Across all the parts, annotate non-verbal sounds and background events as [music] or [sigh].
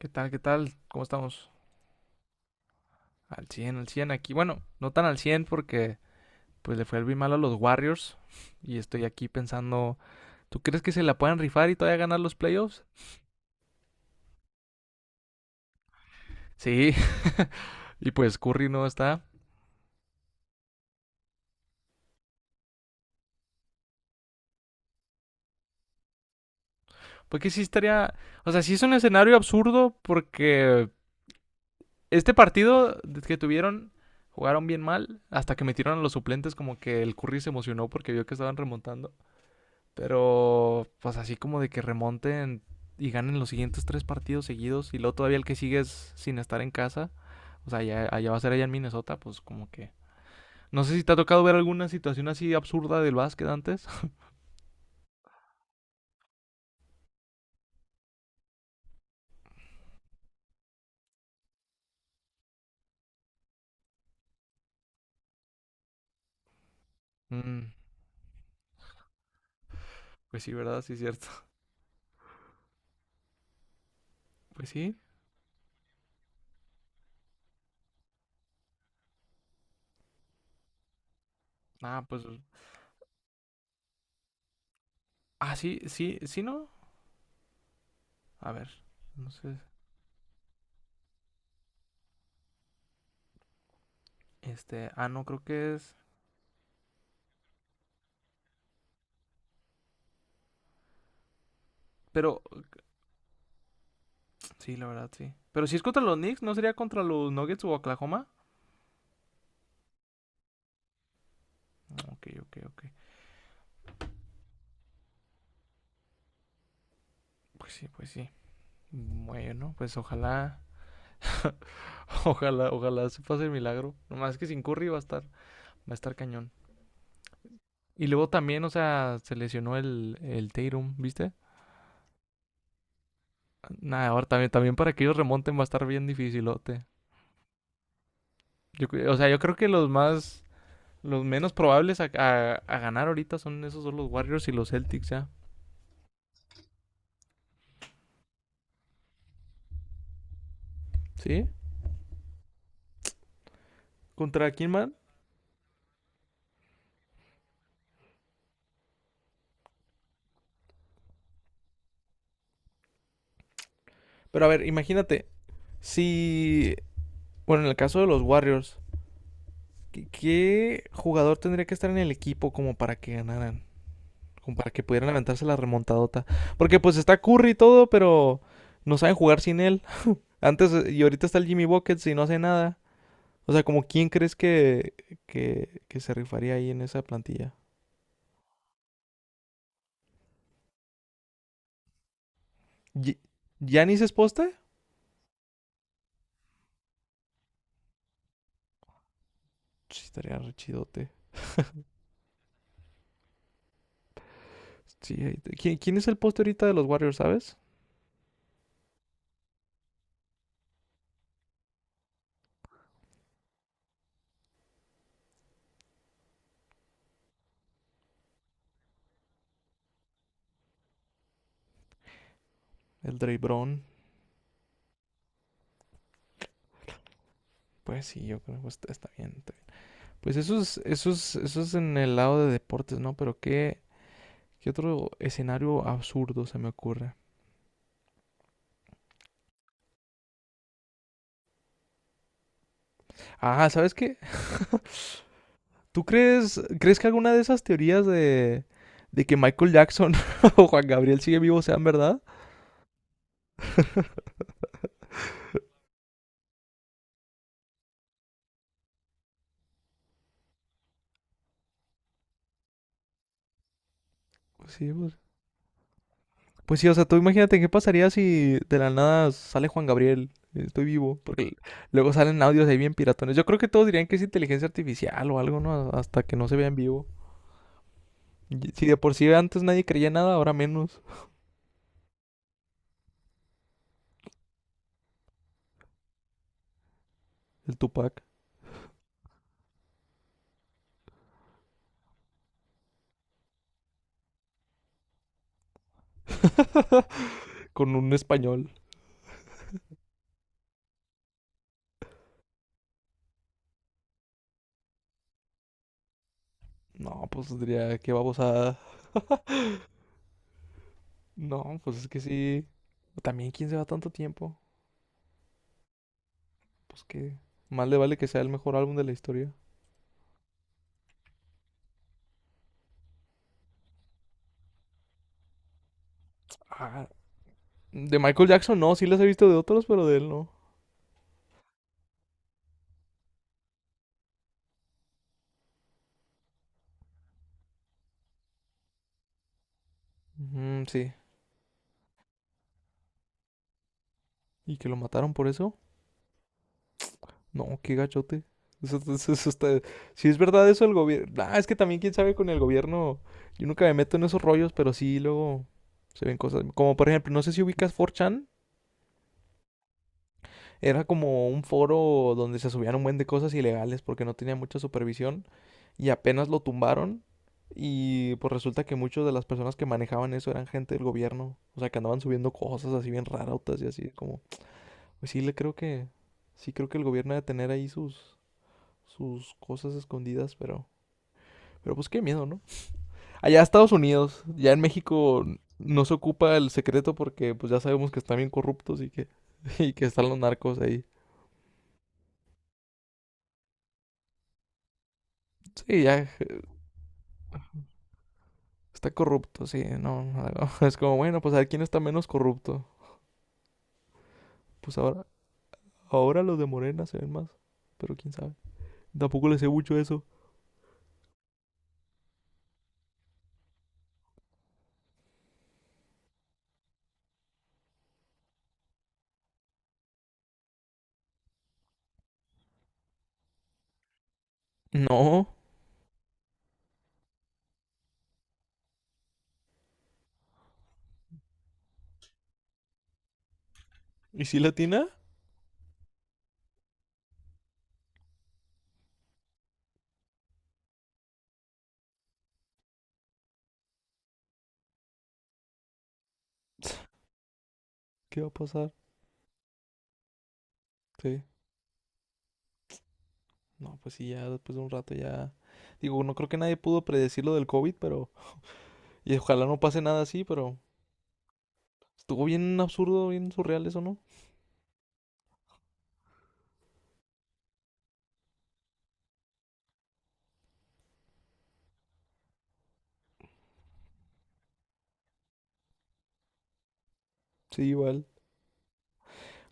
¿Qué tal? ¿Qué tal? ¿Cómo estamos? Al 100 aquí. Bueno, no tan al 100 porque pues le fue el bien mal a los Warriors y estoy aquí pensando, ¿tú crees que se la puedan rifar y todavía ganar los playoffs? Sí. [laughs] Y pues Curry no está. Porque sí estaría, o sea, sí es un escenario absurdo porque este partido que tuvieron jugaron bien mal hasta que metieron a los suplentes, como que el Curry se emocionó porque vio que estaban remontando. Pero pues así como de que remonten y ganen los siguientes tres partidos seguidos y luego todavía el que sigue es sin estar en casa, o sea, allá, allá va a ser allá en Minnesota, pues como que... No sé si te ha tocado ver alguna situación así absurda del básquet antes. [laughs] Mm, pues sí, ¿verdad? Sí, es cierto. [laughs] Pues sí. Ah, pues... Ah, sí, sí, sí, ¿no? A ver, no sé. Este, no, creo que es... Pero, sí, la verdad, sí. Pero si es contra los Knicks, ¿no sería contra los Nuggets o Oklahoma? Ok, ok, ok. Pues sí, pues sí. Bueno, pues ojalá, [laughs] ojalá, ojalá se pase el milagro. Nomás que sin Curry va a estar cañón. Y luego también, o sea, se lesionó el Tatum, ¿viste? Nada, ahora también, también para que ellos remonten va a estar bien dificilote. Yo, o sea, yo creo que los más, los menos probables a, a ganar ahorita son esos, son los Warriors y los Celtics, ¿ya? ¿Sí? ¿Contra quién man? Pero a ver, imagínate, si, bueno, en el caso de los Warriors, ¿qué, qué jugador tendría que estar en el equipo como para que ganaran? Como para que pudieran aventarse la remontadota. Porque pues está Curry y todo, pero no saben jugar sin él. Antes y ahorita está el Jimmy Buckets y no hace nada. O sea, como quién crees que se rifaría ahí en esa plantilla. Ye- ¿Giannis es poste? Sí, estaría re chidote. Sí, ahí ¿quién, quién es el poste ahorita de los Warriors, sabes? El Dre Brown. Pues sí, yo creo que está, está bien, está bien. Pues eso es, eso es, eso es en el lado de deportes, ¿no? Pero qué, ¿qué otro escenario absurdo se me ocurre? Ah, ¿sabes qué? [laughs] ¿Tú crees, crees que alguna de esas teorías de que Michael Jackson [laughs] o Juan Gabriel sigue vivo sean verdad? [laughs] Pues sí, pues. Pues sí, o sea, tú imagínate qué pasaría si de la nada sale Juan Gabriel. Estoy vivo. Porque luego salen audios ahí bien piratones. Yo creo que todos dirían que es inteligencia artificial o algo, ¿no? Hasta que no se vea en vivo. Y si de por sí antes nadie creía nada, ahora menos. El Tupac. Con un español. No, pues diría, qué babosada. No, pues es que sí. También, ¿quién se va tanto tiempo? Pues que más le vale que sea el mejor álbum de la historia. Ah, de Michael Jackson no, sí los he visto de otros, pero de él no. Mm, sí. ¿Y que lo mataron por eso? No, qué gachote. Eso, eso está... Si es verdad eso, el gobierno... Ah, es que también quién sabe con el gobierno... Yo nunca me meto en esos rollos, pero sí luego se ven cosas. Como por ejemplo, no sé si ubicas 4chan. Era como un foro donde se subían un buen de cosas ilegales porque no tenía mucha supervisión y apenas lo tumbaron y pues resulta que muchas de las personas que manejaban eso eran gente del gobierno, o sea, que andaban subiendo cosas así bien rarotas y así como, pues sí le creo que sí creo que el gobierno debe tener ahí sus sus cosas escondidas, pero pues qué miedo, ¿no? Allá Estados Unidos, ya en México no se ocupa el secreto porque pues ya sabemos que están bien corruptos y que [laughs] y que están los narcos ahí. Sí, ya está corrupto, sí, no, [laughs] no, no. Es como, bueno, pues a ver quién está menos corrupto. Pues ahora, ahora los de Morena se ven más. Pero quién sabe. Tampoco le sé mucho eso. No. ¿Y si latina? [sniffs] ¿Qué va a pasar? Sí. No, pues sí, ya después de un rato ya. Digo, no creo que nadie pudo predecir lo del COVID, pero. Y ojalá no pase nada así, pero. Estuvo bien absurdo, bien surreal eso, ¿no? Sí, igual.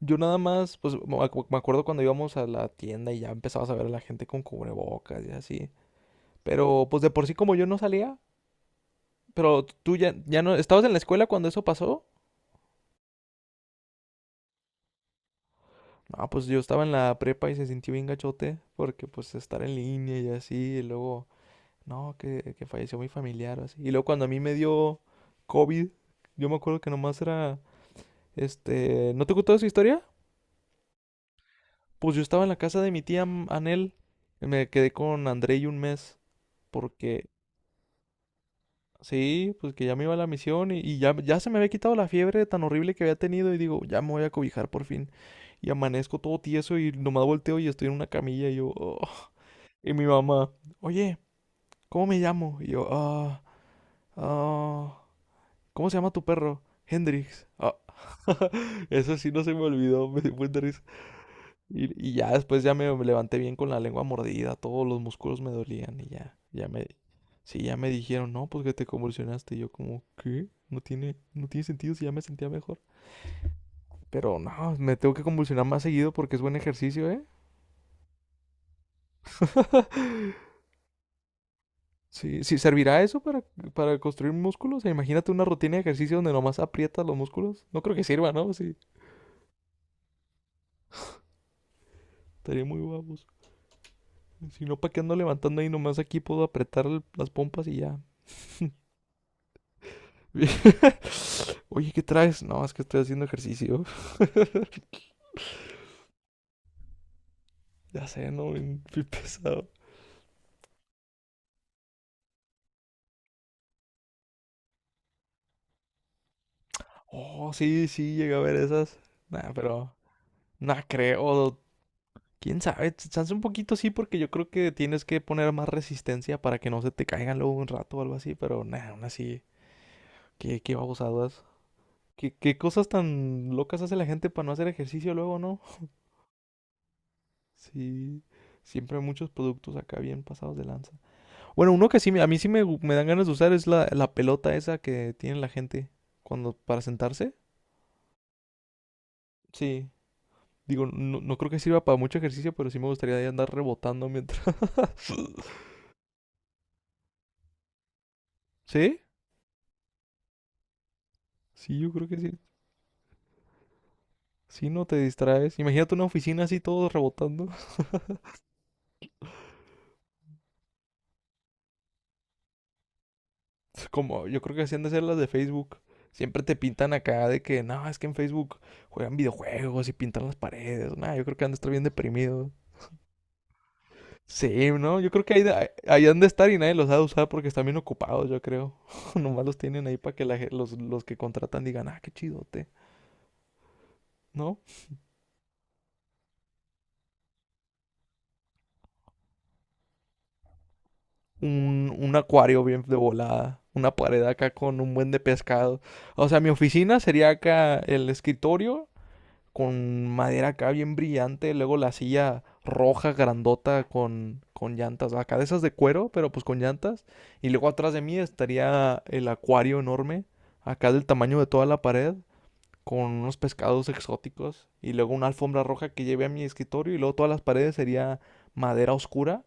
Yo nada más, pues me acuerdo cuando íbamos a la tienda y ya empezabas a ver a la gente con cubrebocas y así. Pero pues de por sí como yo no salía, pero tú ya, ya no, ¿estabas en la escuela cuando eso pasó? Ah, pues yo estaba en la prepa y se sintió bien gachote, porque pues estar en línea y así, y luego, no, que falleció mi familiar o así. Y luego cuando a mí me dio COVID, yo me acuerdo que nomás era, este, ¿no te contó esa historia? Pues yo estaba en la casa de mi tía Anel, me quedé con André y un mes, porque sí, pues que ya me iba a la misión y ya, ya se me había quitado la fiebre tan horrible que había tenido y digo, ya me voy a cobijar por fin. Y amanezco todo tieso y nomás volteo y estoy en una camilla y yo, "Oh". Y mi mamá, oye, ¿cómo me llamo? Y yo, ah, ¿cómo se llama tu perro? Hendrix. Ah. [laughs] Eso sí no se me olvidó, me dio un, y ya después ya me levanté bien con la lengua mordida, todos los músculos me dolían y ya, ya me, sí, ya me dijeron, no, pues que te convulsionaste. Y yo como, ¿qué? No tiene, no tiene sentido si ya me sentía mejor. Pero no, me tengo que convulsionar más seguido porque es buen ejercicio, ¿eh? [laughs] Sí, sí, ¿servirá eso para construir músculos? O sea, imagínate una rutina de ejercicio donde nomás aprietas los músculos. No creo que sirva, ¿no? Sí, estaría muy guapos. Si no, ¿para qué ando levantando ahí? Nomás aquí puedo apretar las pompas y ya. [laughs] [laughs] Oye, ¿qué traes? No, es que estoy haciendo ejercicio. [laughs] Ya sé, no, bien, pesado. Oh, sí, sí, llegué a ver esas. Nah, pero no creo. ¿Quién sabe? Chance un poquito sí, porque yo creo que tienes que poner más resistencia para que no se te caigan luego un rato o algo así, pero nah, aún así, qué, qué babosadas. ¿Qué, qué cosas tan locas hace la gente para no hacer ejercicio luego, ¿no? Sí, siempre hay muchos productos acá bien pasados de lanza. Bueno, uno que sí, a mí sí me, me dan ganas de usar es la, la pelota esa que tiene la gente cuando para sentarse. Sí, digo, no, no creo que sirva para mucho ejercicio, pero sí me gustaría de andar rebotando mientras. [laughs] ¿Sí? Sí, yo creo que sí. Sí, no te distraes. Imagínate una oficina así todos rebotando. [laughs] Como yo creo que así han de ser las de Facebook. Siempre te pintan acá de que, no, es que en Facebook juegan videojuegos y pintan las paredes. Nah, yo creo que han de estar bien deprimidos. Sí, ¿no? Yo creo que ahí, ahí han de estar y nadie los ha de usar porque están bien ocupados, yo creo. [laughs] Nomás los tienen ahí para que la los que contratan digan, ah, qué chidote, ¿no? Un acuario bien de volada, una pared acá con un buen de pescado. O sea, mi oficina sería acá el escritorio con madera acá bien brillante, luego la silla roja grandota con llantas, acá de esas de cuero, pero pues con llantas. Y luego atrás de mí estaría el acuario enorme, acá del tamaño de toda la pared, con unos pescados exóticos y luego una alfombra roja que lleve a mi escritorio y luego todas las paredes sería madera oscura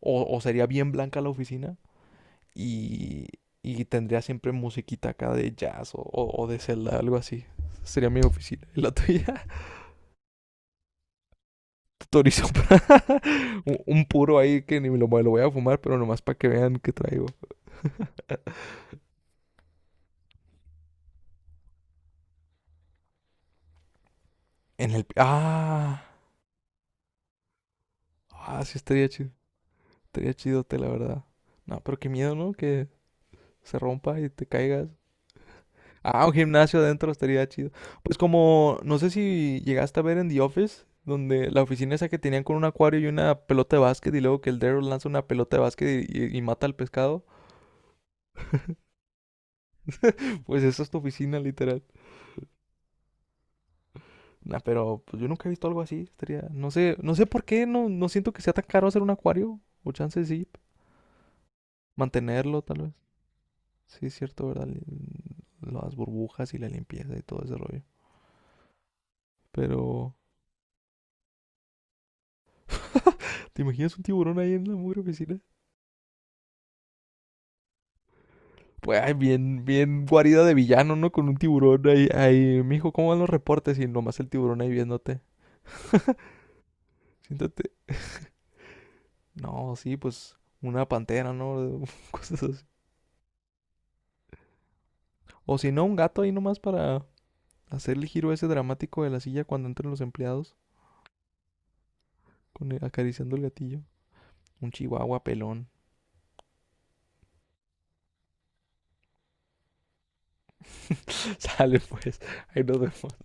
o sería bien blanca la oficina y, y tendría siempre musiquita acá de jazz o, o de celda, algo así. Sería mi oficina. ¿Y la tuya? [laughs] Torizo. Un puro ahí que ni me lo, me lo voy a fumar, pero nomás para que vean que traigo. En el... Ah, ah, sí estaría chido. Estaría chidote, la verdad. No, pero qué miedo, ¿no? Que se rompa y te caigas. Ah, un gimnasio adentro estaría chido. Pues como, no sé si llegaste a ver en The Office, donde la oficina esa que tenían con un acuario y una pelota de básquet, y luego que el Daryl lanza una pelota de básquet y, y mata al pescado. [laughs] Pues esa es tu oficina, literal. Nah, pero pues yo nunca he visto algo así. Estaría, no sé, no sé por qué, no, no siento que sea tan caro hacer un acuario. O chance sí, mantenerlo tal vez. Sí, es cierto, ¿verdad? Las burbujas y la limpieza y todo ese rollo. Pero, [laughs] ¿te imaginas un tiburón ahí en la mugre oficina? Pues ay, bien, bien guarida de villano, ¿no? Con un tiburón ahí, ahí, mijo, ¿cómo van los reportes? Y nomás el tiburón ahí viéndote. [laughs] Siéntate. No, sí, pues una pantera, ¿no? [laughs] Cosas así. O si no, un gato ahí nomás para hacer el giro ese dramático de la silla cuando entran los empleados, con acariciando el gatillo. Un chihuahua pelón. [laughs] Sale pues, ahí nos vemos.